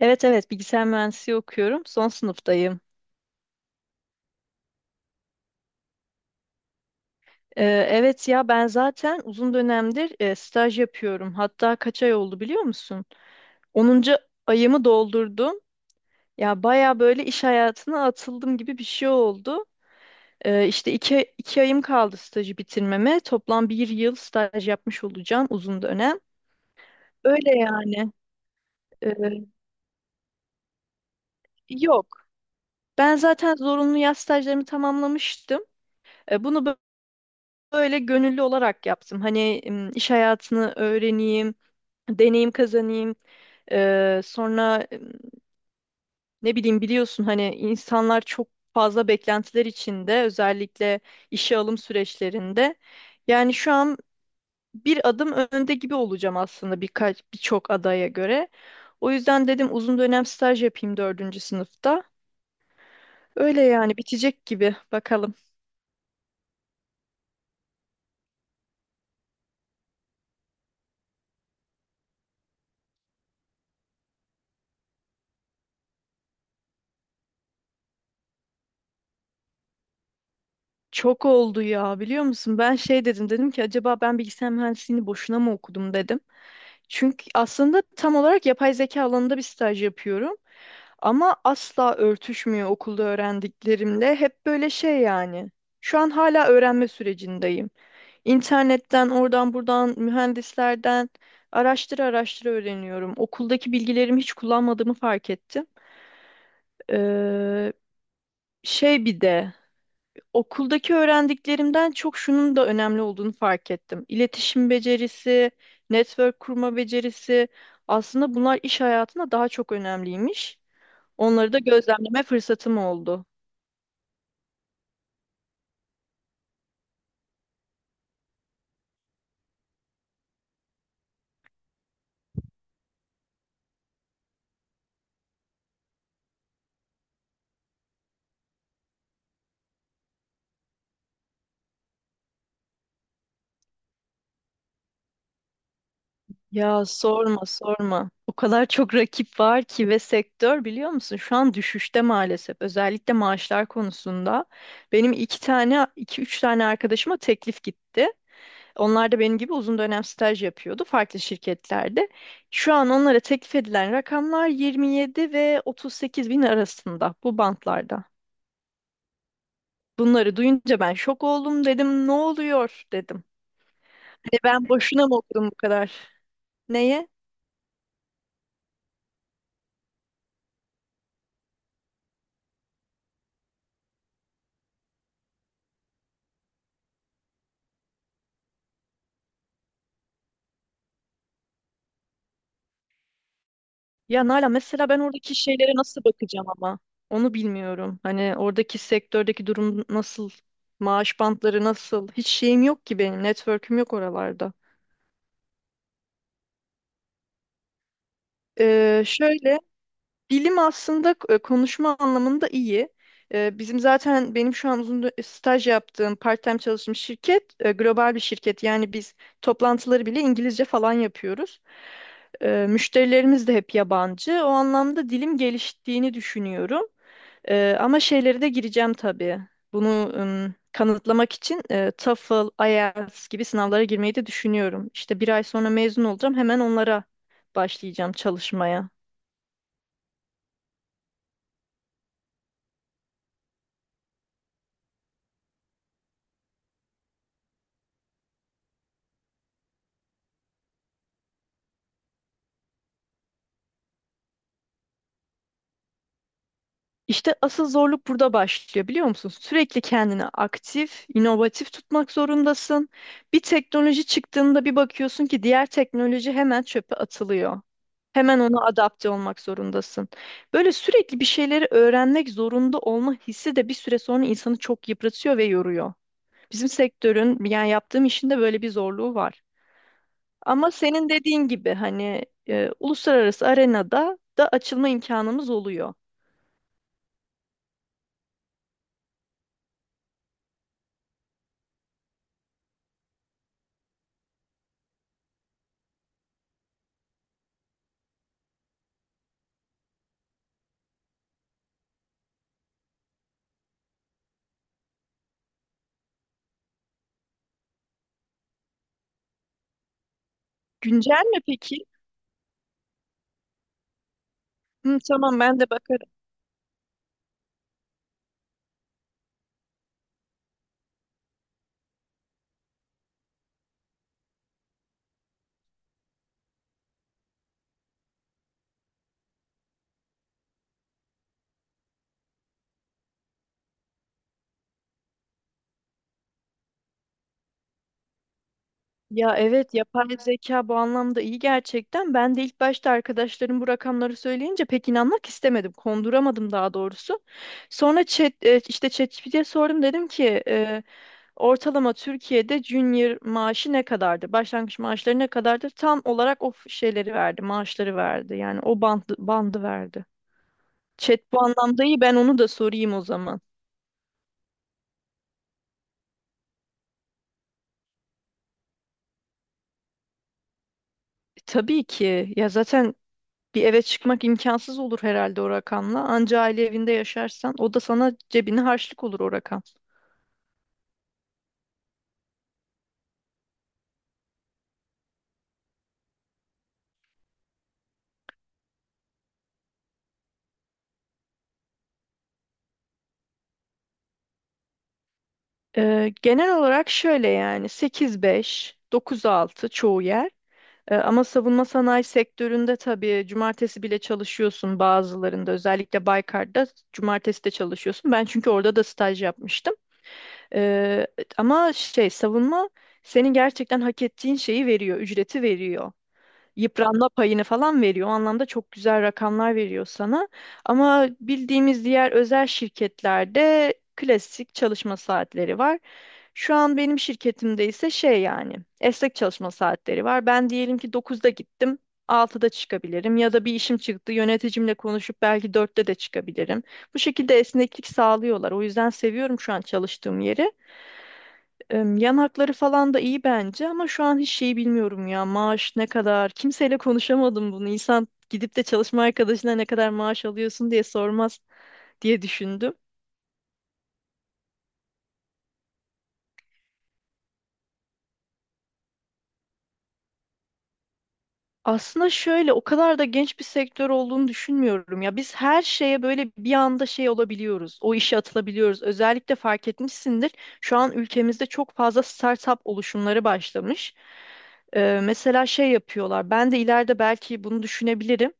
Evet evet, bilgisayar mühendisliği okuyorum. Son sınıftayım. Ee, evet ya ben zaten uzun dönemdir staj yapıyorum. Hatta kaç ay oldu biliyor musun? 10. ayımı doldurdum. Ya baya böyle iş hayatına atıldım gibi bir şey oldu. İşte iki ayım kaldı stajı bitirmeme. Toplam bir yıl staj yapmış olacağım uzun dönem. Öyle yani. Ee, yok. Ben zaten zorunlu yaz stajlarımı tamamlamıştım. Bunu böyle gönüllü olarak yaptım. Hani iş hayatını öğreneyim, deneyim kazanayım. Sonra ne bileyim, biliyorsun hani insanlar çok fazla beklentiler içinde, özellikle işe alım süreçlerinde. Yani şu an bir adım önde gibi olacağım aslında birkaç birçok adaya göre. O yüzden dedim uzun dönem staj yapayım dördüncü sınıfta. Öyle yani, bitecek gibi, bakalım. Çok oldu ya, biliyor musun? Ben şey dedim ki acaba ben bilgisayar mühendisliğini boşuna mı okudum dedim. Çünkü aslında tam olarak yapay zeka alanında bir staj yapıyorum ama asla örtüşmüyor okulda öğrendiklerimle. Hep böyle şey yani. Şu an hala öğrenme sürecindeyim. İnternetten, oradan buradan, mühendislerden araştıra araştıra öğreniyorum. Okuldaki bilgilerimi hiç kullanmadığımı fark ettim. Ee, şey, bir de okuldaki öğrendiklerimden çok şunun da önemli olduğunu fark ettim. İletişim becerisi, network kurma becerisi aslında bunlar iş hayatında daha çok önemliymiş. Onları da gözlemleme fırsatım oldu. Ya sorma sorma. O kadar çok rakip var ki, ve sektör biliyor musun şu an düşüşte maalesef. Özellikle maaşlar konusunda. Benim iki tane, iki üç tane arkadaşıma teklif gitti. Onlar da benim gibi uzun dönem staj yapıyordu farklı şirketlerde. Şu an onlara teklif edilen rakamlar 27 ve 38 bin arasında, bu bantlarda. Bunları duyunca ben şok oldum, dedim ne oluyor dedim. Hani ben boşuna mı okudum bu kadar? Neye? Ya Nalan, mesela ben oradaki şeylere nasıl bakacağım, ama onu bilmiyorum. Hani oradaki sektördeki durum nasıl? Maaş bantları nasıl? Hiç şeyim yok ki benim. Network'üm yok oralarda. Şöyle. Bilim aslında konuşma anlamında iyi. Bizim zaten, benim şu an staj yaptığım, part-time çalıştığım şirket global bir şirket. Yani biz toplantıları bile İngilizce falan yapıyoruz. Müşterilerimiz de hep yabancı. O anlamda dilim geliştiğini düşünüyorum. Ama şeylere de gireceğim tabii. Bunu kanıtlamak için TOEFL, IELTS gibi sınavlara girmeyi de düşünüyorum. İşte bir ay sonra mezun olacağım. Hemen onlara başlayacağım çalışmaya. İşte asıl zorluk burada başlıyor, biliyor musun? Sürekli kendini aktif, inovatif tutmak zorundasın. Bir teknoloji çıktığında bir bakıyorsun ki diğer teknoloji hemen çöpe atılıyor. Hemen ona adapte olmak zorundasın. Böyle sürekli bir şeyleri öğrenmek zorunda olma hissi de bir süre sonra insanı çok yıpratıyor ve yoruyor. Bizim sektörün, yani yaptığım işin de böyle bir zorluğu var. Ama senin dediğin gibi hani uluslararası arenada da açılma imkanımız oluyor. Güncel mi peki? Hı, tamam, ben de bakarım. Ya evet, yapay zeka bu anlamda iyi gerçekten. Ben de ilk başta arkadaşlarım bu rakamları söyleyince pek inanmak istemedim. Konduramadım daha doğrusu. Sonra işte ChatGPT'ye sordum, dedim ki ortalama Türkiye'de junior maaşı ne kadardır? Başlangıç maaşları ne kadardır? Tam olarak o şeyleri verdi, maaşları verdi. Yani o bandı verdi. Chat bu anlamda iyi, ben onu da sorayım o zaman. Tabii ki ya, zaten bir eve çıkmak imkansız olur herhalde o rakamla. Anca aile evinde yaşarsan o da sana cebine harçlık olur o rakam. Genel olarak şöyle yani, 8-5, 9-6 çoğu yer. Ama savunma sanayi sektöründe tabii cumartesi bile çalışıyorsun bazılarında. Özellikle Baykar'da cumartesi de çalışıyorsun. Ben çünkü orada da staj yapmıştım. Ee, ama şey, savunma senin gerçekten hak ettiğin şeyi veriyor, ücreti veriyor. Yıpranma payını falan veriyor. O anlamda çok güzel rakamlar veriyor sana. Ama bildiğimiz diğer özel şirketlerde klasik çalışma saatleri var. Şu an benim şirketimde ise şey yani, esnek çalışma saatleri var. Ben diyelim ki 9'da gittim. 6'da çıkabilirim ya da bir işim çıktı, yöneticimle konuşup belki 4'te de çıkabilirim. Bu şekilde esneklik sağlıyorlar. O yüzden seviyorum şu an çalıştığım yeri. Yan hakları falan da iyi bence, ama şu an hiç şeyi bilmiyorum ya, maaş ne kadar kimseyle konuşamadım, bunu insan gidip de çalışma arkadaşına ne kadar maaş alıyorsun diye sormaz diye düşündüm. Aslında şöyle, o kadar da genç bir sektör olduğunu düşünmüyorum ya. Biz her şeye böyle bir anda şey olabiliyoruz, o işe atılabiliyoruz. Özellikle fark etmişsindir şu an ülkemizde çok fazla startup oluşumları başlamış. Mesela şey yapıyorlar, ben de ileride belki bunu düşünebilirim.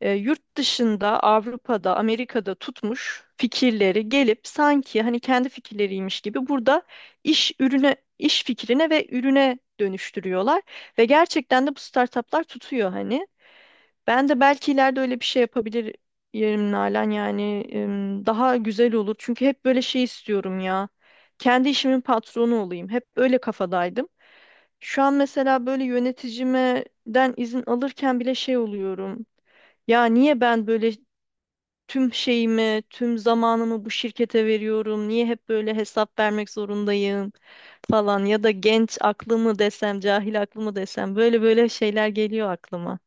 Yurt dışında, Avrupa'da, Amerika'da tutmuş fikirleri gelip sanki hani kendi fikirleriymiş gibi burada iş ürüne, iş fikrine ve ürüne dönüştürüyorlar, ve gerçekten de bu startuplar tutuyor hani. Ben de belki ileride öyle bir şey yapabilir yerim Nalan, yani daha güzel olur. Çünkü hep böyle şey istiyorum ya. Kendi işimin patronu olayım. Hep öyle kafadaydım. Şu an mesela böyle yöneticimden izin alırken bile şey oluyorum. Ya niye ben böyle tüm şeyimi, tüm zamanımı bu şirkete veriyorum? Niye hep böyle hesap vermek zorundayım falan, ya da genç aklımı desem, cahil aklımı desem, böyle böyle şeyler geliyor aklıma.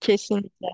Kesinlikle.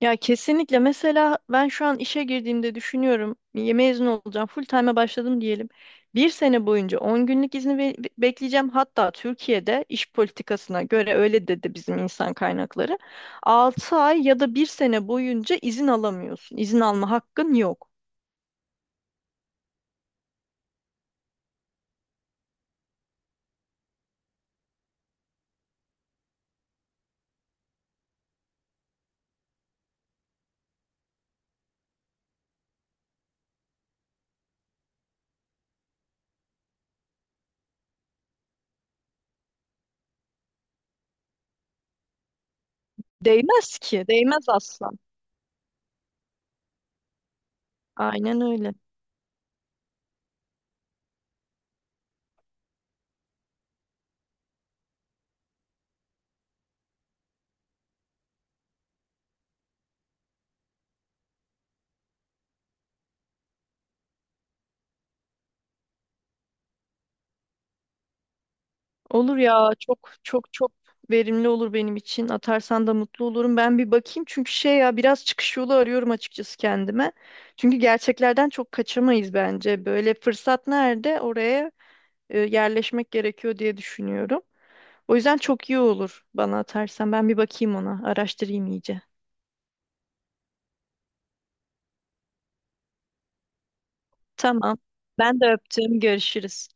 Ya kesinlikle. Mesela ben şu an işe girdiğimde düşünüyorum, ya mezun olacağım, full time'a başladım diyelim. Bir sene boyunca 10 günlük izni bekleyeceğim. Hatta Türkiye'de iş politikasına göre öyle dedi bizim insan kaynakları. 6 ay ya da bir sene boyunca izin alamıyorsun. İzin alma hakkın yok. Değmez ki. Değmez asla. Aynen öyle. Olur ya, çok çok çok verimli olur benim için. Atarsan da mutlu olurum. Ben bir bakayım, çünkü şey ya, biraz çıkış yolu arıyorum açıkçası kendime. Çünkü gerçeklerden çok kaçamayız bence. Böyle fırsat nerede, oraya yerleşmek gerekiyor diye düşünüyorum. O yüzden çok iyi olur bana, atarsan. Ben bir bakayım ona, araştırayım iyice. Tamam. Ben de öptüm. Görüşürüz.